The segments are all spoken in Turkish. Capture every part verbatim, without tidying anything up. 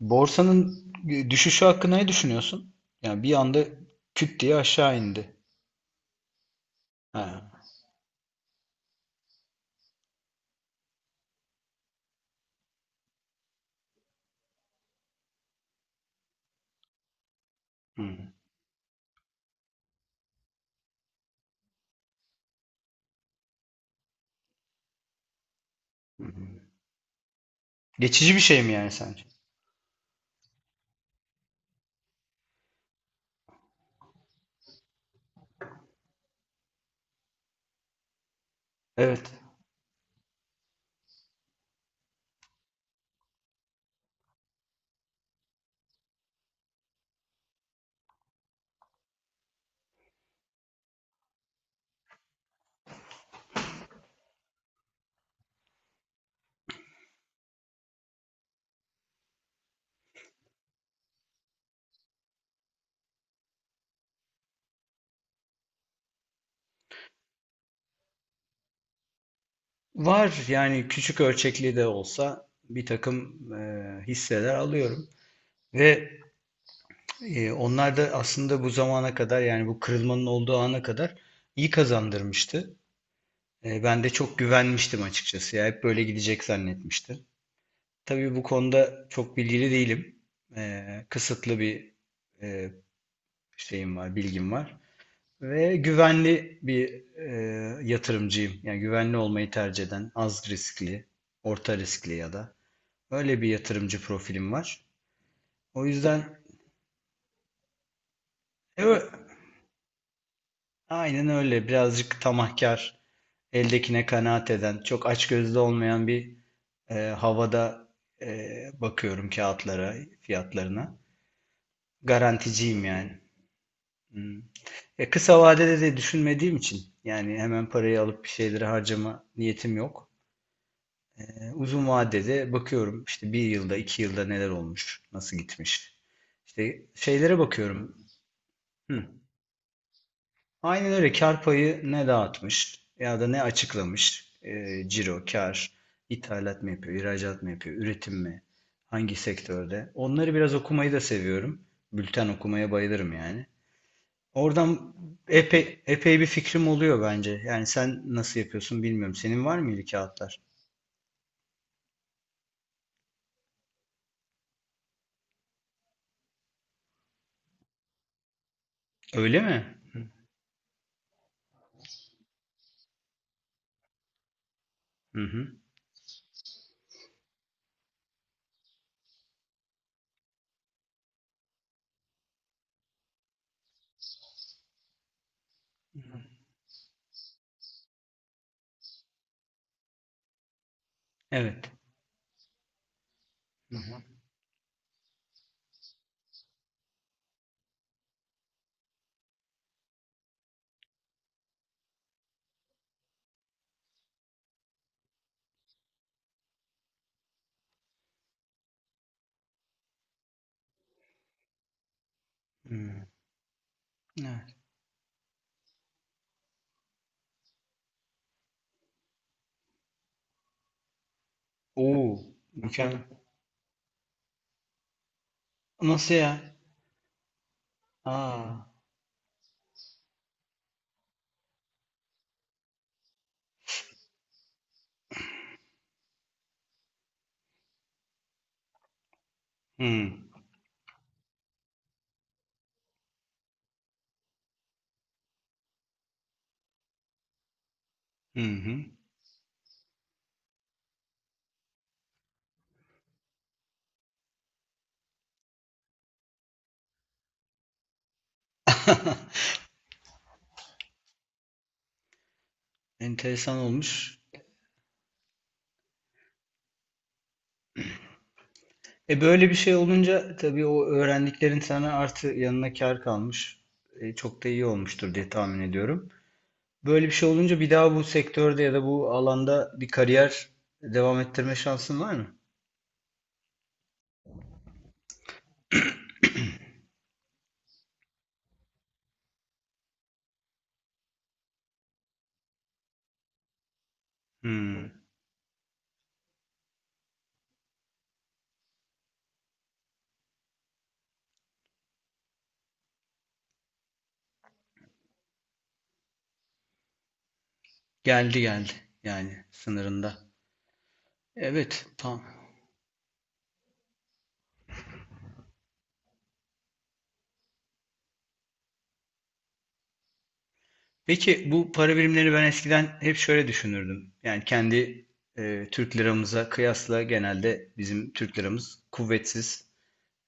Borsanın düşüşü hakkında ne düşünüyorsun? Yani bir anda küt diye aşağı indi. Ha. Hı, hı. Geçici bir şey mi yani sence? Evet. Var yani küçük ölçekli de olsa bir takım e, hisseler alıyorum. Ve e, onlar da aslında bu zamana kadar yani bu kırılmanın olduğu ana kadar iyi kazandırmıştı. E, ben de çok güvenmiştim açıkçası. Ya hep böyle gidecek zannetmiştim. Tabii bu konuda çok bilgili değilim. E, kısıtlı bir e, şeyim var, bilgim var. Ve güvenli bir e, yatırımcıyım. Yani güvenli olmayı tercih eden, az riskli, orta riskli ya da öyle bir yatırımcı profilim var. O yüzden e, ö- aynen öyle. Birazcık tamahkar, eldekine kanaat eden, çok açgözlü olmayan bir e, havada e, bakıyorum kağıtlara, fiyatlarına. Garanticiyim yani. Hmm. E, kısa vadede de düşünmediğim için yani hemen parayı alıp bir şeyleri harcama niyetim yok. Uzun vadede bakıyorum işte bir yılda, iki yılda neler olmuş, nasıl gitmiş. İşte şeylere bakıyorum. Hı. Aynen öyle kar payı ne dağıtmış ya da ne açıklamış. E, ciro, kar, ithalat mı yapıyor, ihracat mı yapıyor, üretim mi, hangi sektörde. Onları biraz okumayı da seviyorum. Bülten okumaya bayılırım yani. Oradan epey, epey bir fikrim oluyor bence. Yani sen nasıl yapıyorsun bilmiyorum. Senin var mıydı kağıtlar? Öyle mi? Hı hı. Evet. Hı hı. Hı. Evet. Oo, mükemmel. Nasıl ya? Aa, hmm, hı hı. Enteresan olmuş. E böyle bir şey olunca tabii o öğrendiklerin sana artı yanına kar kalmış. E, çok da iyi olmuştur diye tahmin ediyorum. Böyle bir şey olunca bir daha bu sektörde ya da bu alanda bir kariyer devam ettirme şansın var mı? Hmm, geldi geldi yani sınırında. Evet, tamam. Peki bu para birimleri ben eskiden hep şöyle düşünürdüm. Yani kendi e, Türk liramıza kıyasla genelde bizim Türk liramız kuvvetsiz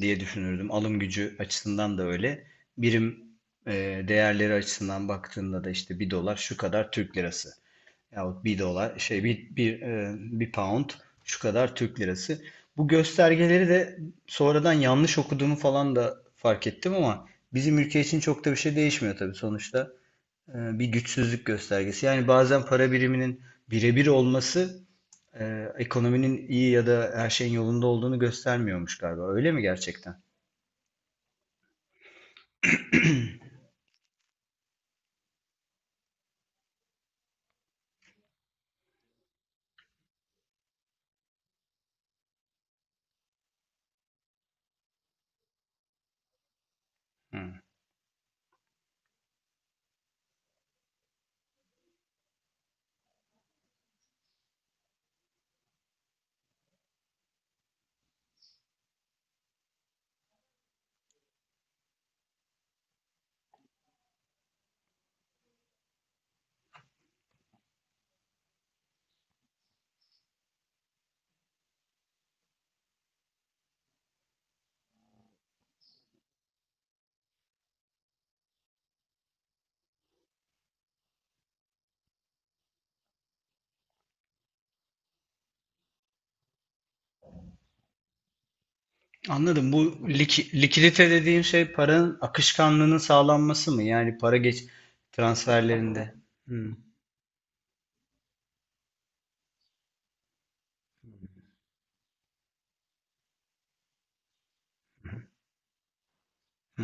diye düşünürdüm. Alım gücü açısından da öyle. Birim e, değerleri açısından baktığında da işte bir dolar şu kadar Türk lirası. Yahut bir dolar şey bir, bir, e, bir pound şu kadar Türk lirası. Bu göstergeleri de sonradan yanlış okuduğumu falan da fark ettim ama bizim ülke için çok da bir şey değişmiyor tabii sonuçta e, bir güçsüzlük göstergesi. Yani bazen para biriminin birebir olması e, ekonominin iyi ya da her şeyin yolunda olduğunu göstermiyormuş galiba. Öyle mi gerçekten? Hı. Anladım. Bu lik- likidite dediğin şey paranın akışkanlığının sağlanması mı? Yani para geç transferlerinde. Hı, hı,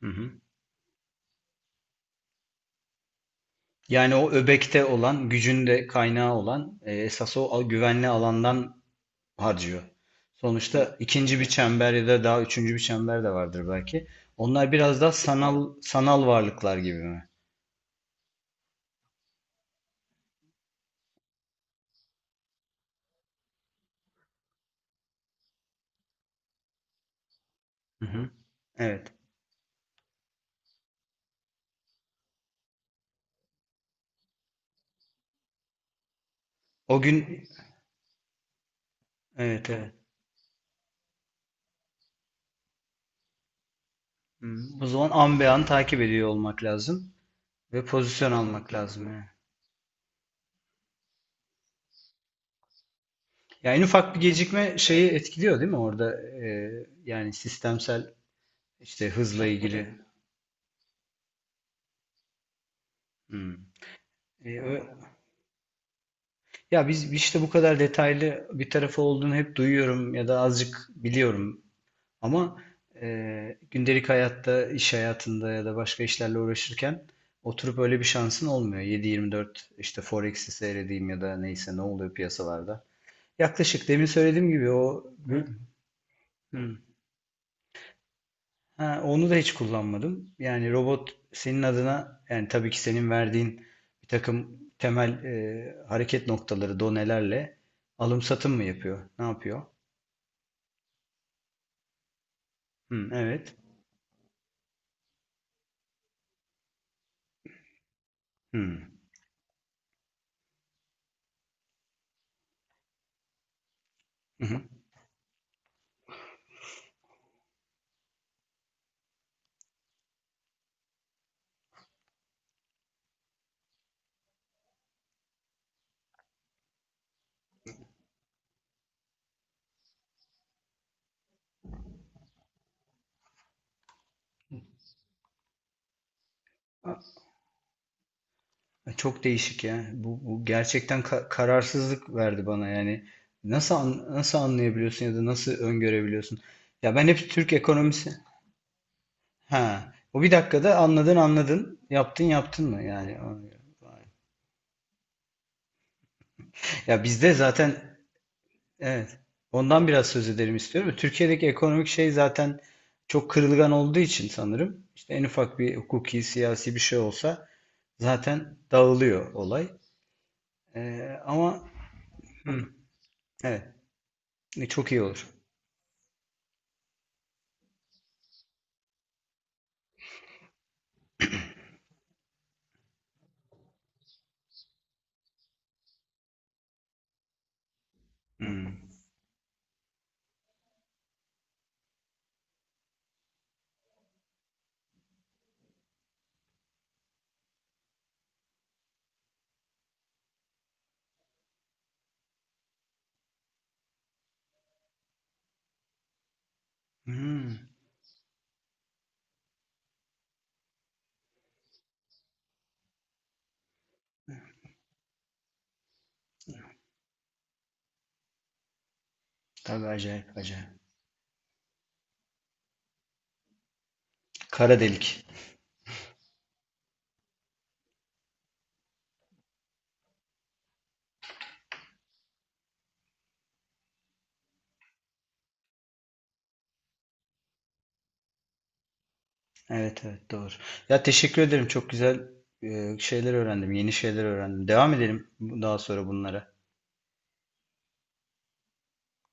hı hı. Yani o öbekte olan, gücün de kaynağı olan, e, esas o al- güvenli alandan harcıyor. Sonuçta ikinci bir çember ya da daha üçüncü bir çember de vardır belki. Onlar biraz daha sanal sanal varlıklar gibi mi? Hı hı. Evet. O gün evet evet. Hı. O zaman an be an takip ediyor olmak lazım ve pozisyon almak lazım yani. Yani en ufak bir gecikme şeyi etkiliyor değil mi orada? e, yani sistemsel işte hızla ilgili. Hı. E, ö- ya biz işte bu kadar detaylı bir tarafı olduğunu hep duyuyorum ya da azıcık biliyorum. Ama e, gündelik hayatta, iş hayatında ya da başka işlerle uğraşırken oturup öyle bir şansın olmuyor. Yedi yirmi dört işte Forex'i seyredeyim ya da neyse ne oluyor piyasalarda. Yaklaşık demin söylediğim gibi o Hı? Hı. Ha, onu da hiç kullanmadım. Yani robot senin adına yani tabii ki senin verdiğin bir takım temel e, hareket noktaları, donelerle alım satım mı yapıyor? Ne yapıyor? Hı, evet. Hı. Hı hı. Çok değişik ya. Bu, bu gerçekten ka- kararsızlık verdi bana yani. Nasıl an- nasıl anlayabiliyorsun ya da nasıl öngörebiliyorsun? Ya ben hep Türk ekonomisi. Ha. O bir dakikada anladın anladın. Yaptın yaptın mı yani? Ya bizde zaten evet. Ondan biraz söz edelim istiyorum. Türkiye'deki ekonomik şey zaten çok kırılgan olduğu için sanırım. İşte en ufak bir hukuki, siyasi bir şey olsa zaten dağılıyor olay. Ee, ama hı, evet. Çok iyi olur. Hı. Hmm, tabii acayip acayip. Kara delik. Evet evet doğru. Ya teşekkür ederim. Çok güzel e, şeyler öğrendim. Yeni şeyler öğrendim. Devam edelim daha sonra bunlara.